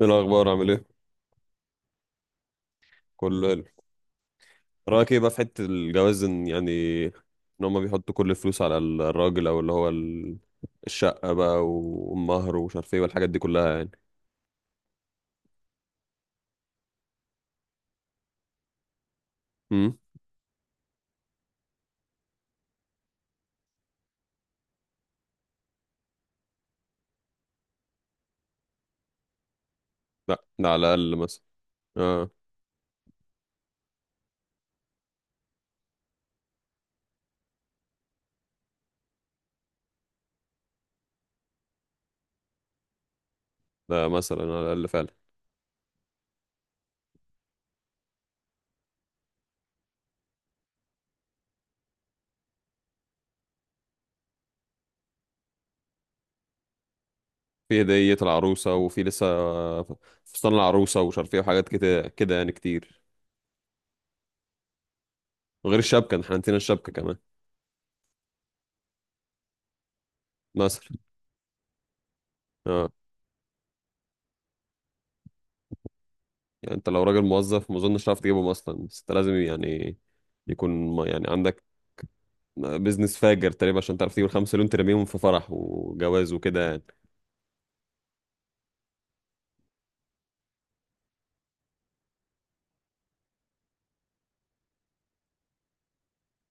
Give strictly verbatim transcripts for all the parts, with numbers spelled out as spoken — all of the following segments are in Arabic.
ايه الاخبار، عامل ايه؟ كله حلو. رايك ايه بقى في حته الجواز، ان يعني ان هما بيحطوا كل الفلوس على الراجل او اللي هو ال- الشقه بقى والمهر ومش عارف ايه والحاجات دي كلها يعني. امم لا، ده على الاقل مثلا. اه. ده مثلا على الاقل فعلا. في هديه العروسه وفي لسه فستان العروسه ومش عارف ايه وحاجات كده كده يعني كتير. وغير الشبكه، احنا نسينا الشبكه كمان. مثلا. اه. يعني انت لو راجل موظف ما اظنش هتعرف تجيبهم اصلا، بس انت لازم يعني يكون ما- يعني عندك بيزنس فاجر تقريبا عشان تعرف تجيب الخمسة مليون ترميهم في فرح وجواز وكده يعني.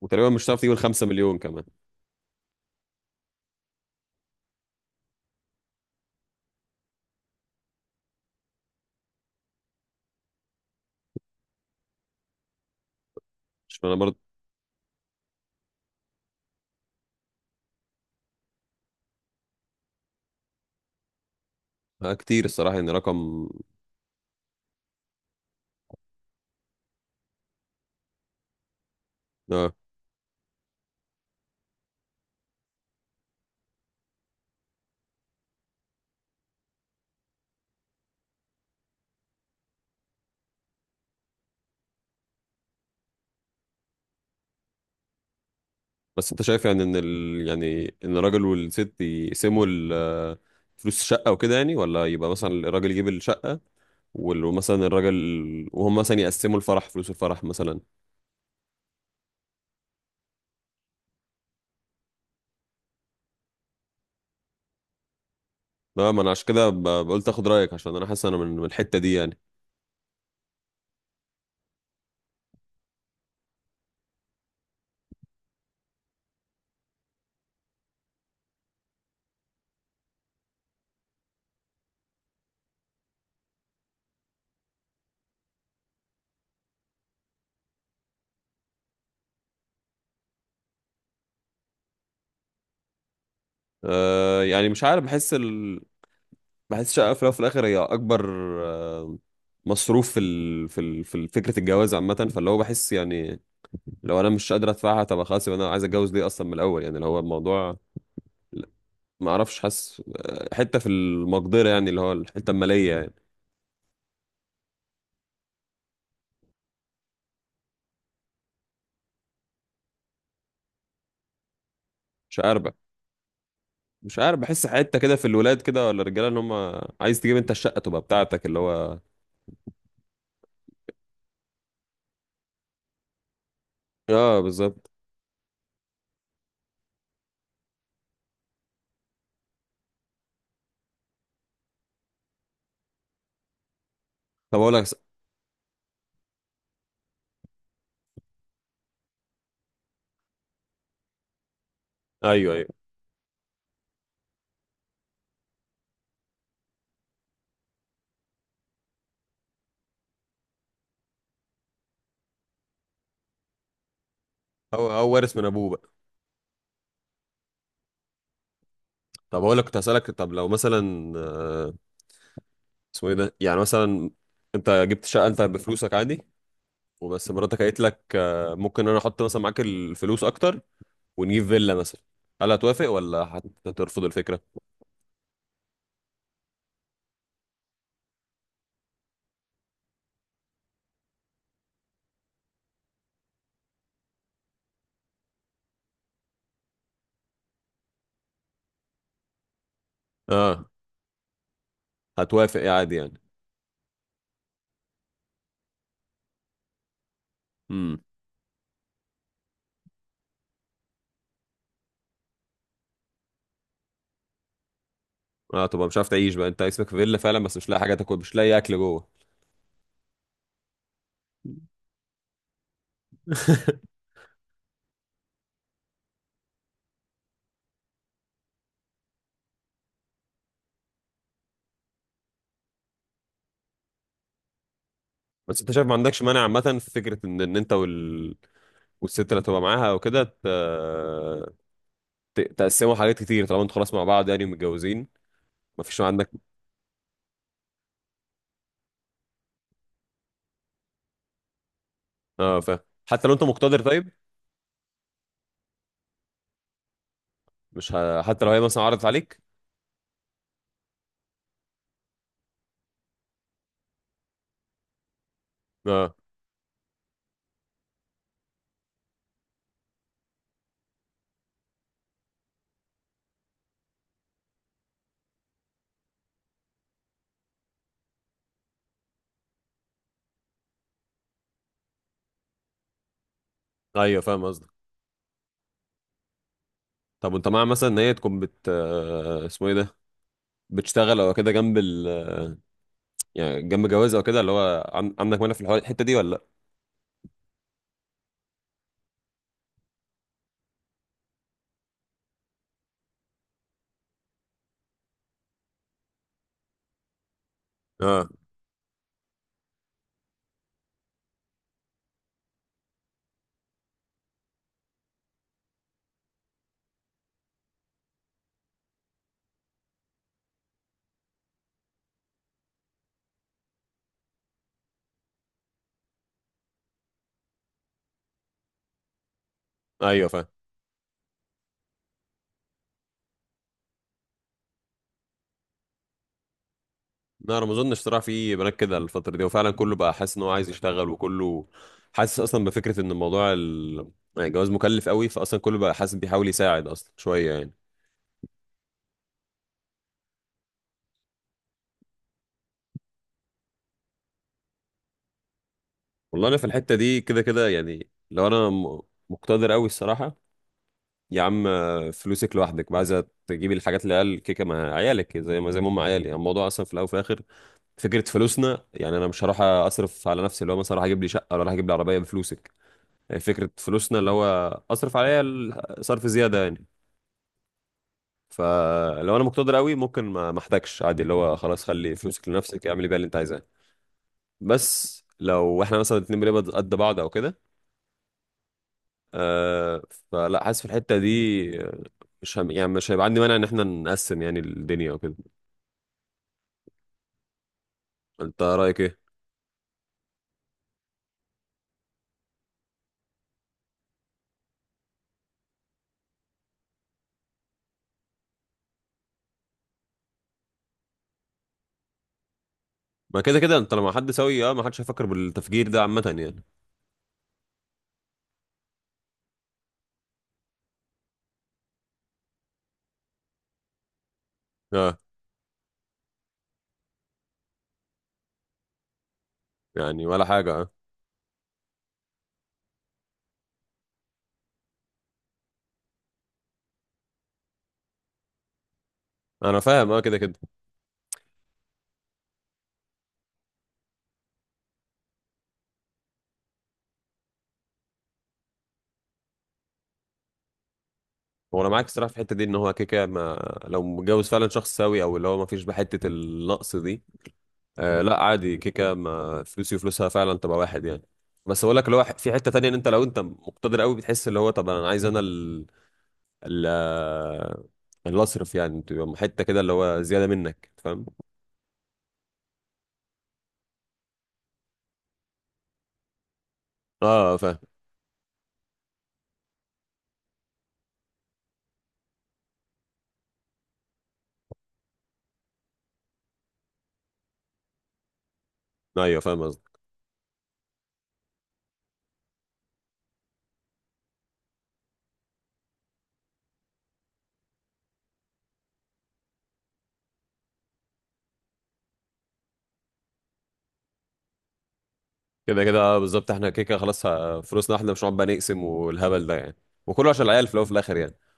وتقريبا مش هتعرف تجيب الخمسة مليون كمان. مش انا برضه. آه، كتير الصراحة، يعني رقم. اه. بس انت شايف يعني ان ال... يعني ان الراجل والست يقسموا ال... آه، فلوس الشقة وكده يعني، ولا يبقى مثلا الراجل يجيب الشقة وال- ومثلا الراجل، وهم مثلا يقسموا الفرح، فلوس الفرح مثلا. لا، ما انا عشان كده ب- قلت اخد رايك، عشان انا حاسس انا من من الحته دي يعني. أه، يعني مش عارف، بحس. بحس الشقة في الأول وفي الآخر هي أكبر آه، مصروف في ال... في ال... في ال- فكرة الجواز عامة، فاللي هو بحس يعني لو أنا مش قادر أدفعها، طب خلاص يبقى أنا عايز أتجوز ليه أصلا من الأول، يعني اللي هو الموضوع. لا، ما أعرفش، حاسس آه، حتة في المقدرة، يعني اللي هو الحتة المالية يعني. مش عارف. مش عارف، بحس حتة كده في الولاد كده ولا الرجالة، إن هم عايز تجيب أنت الشقة تبقى بتاعتك اللي هو. آه بالظبط. طب أقول لك. أيوه أيوه. هو هو وارث من أبوه بقى. طب أقول لك، كنت هسألك، طب لو مثلا آه، اسمه ايه ده، يعني مثلا انت جبت شقه انت بفلوسك عادي، وبس مراتك قالت لك آه، ممكن انا احط مثلا معاك الفلوس اكتر، ونجيب فيلا مثلا، هل هتوافق ولا هت- هترفض الفكره؟ اه. هتوافق يا عادي يعني؟ امم اه طبعا، مش عارف تعيش بقى انت اسمك في فيلا فعلا بس مش لاقي حاجه تاكل، مش لاقي اكل جوه. بس انت شايف ما عندكش مانع عامه في فكره ان ان انت وال... والست اللي هتبقى معاها وكده ت... ت... تقسموا حاجات كتير، طالما انتوا خلاص مع بعض يعني ومتجوزين، ما فيش عندك. اه فاهم. حتى لو انت مقتدر طيب؟ مش ه... حتى لو هي مثلا عرضت عليك. اه. ايوه فاهم قصدك. طب وانت مع مثلا ان هي تكون بت آه، اسمه ايه ده، بتشتغل او كده جنب ال، يعني جنب جواز او كده، اللي هو عن... عندك مانع في الحوار الحته دي ولا لا؟ اه. ايوه فاهم. لا، انا ما اظنش صراحه في بنات كده الفتره دي، وفعلا كله بقى حاسس ان هو عايز يشتغل، وكله حاسس اصلا بفكره ان الموضوع ال... يعني الجواز مكلف قوي، فاصلا كله بقى حاسس بيحاول يساعد اصلا شويه يعني. والله انا في الحته دي كده كده يعني، لو انا م- مقتدر قوي الصراحه، يا عم، فلوسك لوحدك بقى، عايزه تجيبي الحاجات اللي قال كيكه مع عيالك زي ما زي ما هم عيالي، يعني الموضوع اصلا في الاول وفي الاخر فكره فلوسنا، يعني انا مش هروح اصرف على نفسي اللي هو مثلا راح اجيب لي شقه ولا راح اجيب لي عربيه بفلوسك، يعني فكره فلوسنا اللي هو اصرف عليا ال- صرف زياده يعني. فلو انا مقتدر قوي، ممكن ما ما احتاجش عادي، اللي هو خلاص خلي فلوسك لنفسك، اعملي بيها اللي انت عايزاه. بس لو احنا مثلا اتنين بنقبض قد بعض او كده، آه، فلا حاسس في الحته دي آه، مش هم، يعني مش هيبقى عندي مانع ان احنا نقسم يعني الدنيا وكده. انت رايك ايه؟ ما كده كده انت لما حد سوي، اه ما حدش هيفكر بالتفجير ده عامه يعني. اه. يعني ولا حاجه، اه. انا فاهم، اه كده كده. هو انا معاك الصراحه في الحته دي، ان هو كده كده، ما لو متجوز فعلا شخص سوي او اللي هو ما فيش بحته النقص دي، آه لا عادي، كده كده ما فلوسي وفلوسها فعلا تبقى واحد يعني. بس اقول لك اللي هو في حته تانية، ان انت لو انت مقتدر قوي بتحس اللي هو طب انا عايز انا ال ال آه، اللي اصرف يعني تبقى حته كده اللي هو زياده منك، فاهم؟ اه فاهم. ايوه فاهم. كده كده بالظبط، احنا كده كده خلاص ه- فلوسنا احنا، مش هنقعد بقى نقسم والهبل ده يعني، وكله عشان العيال في الاول وفي الاخر يعني.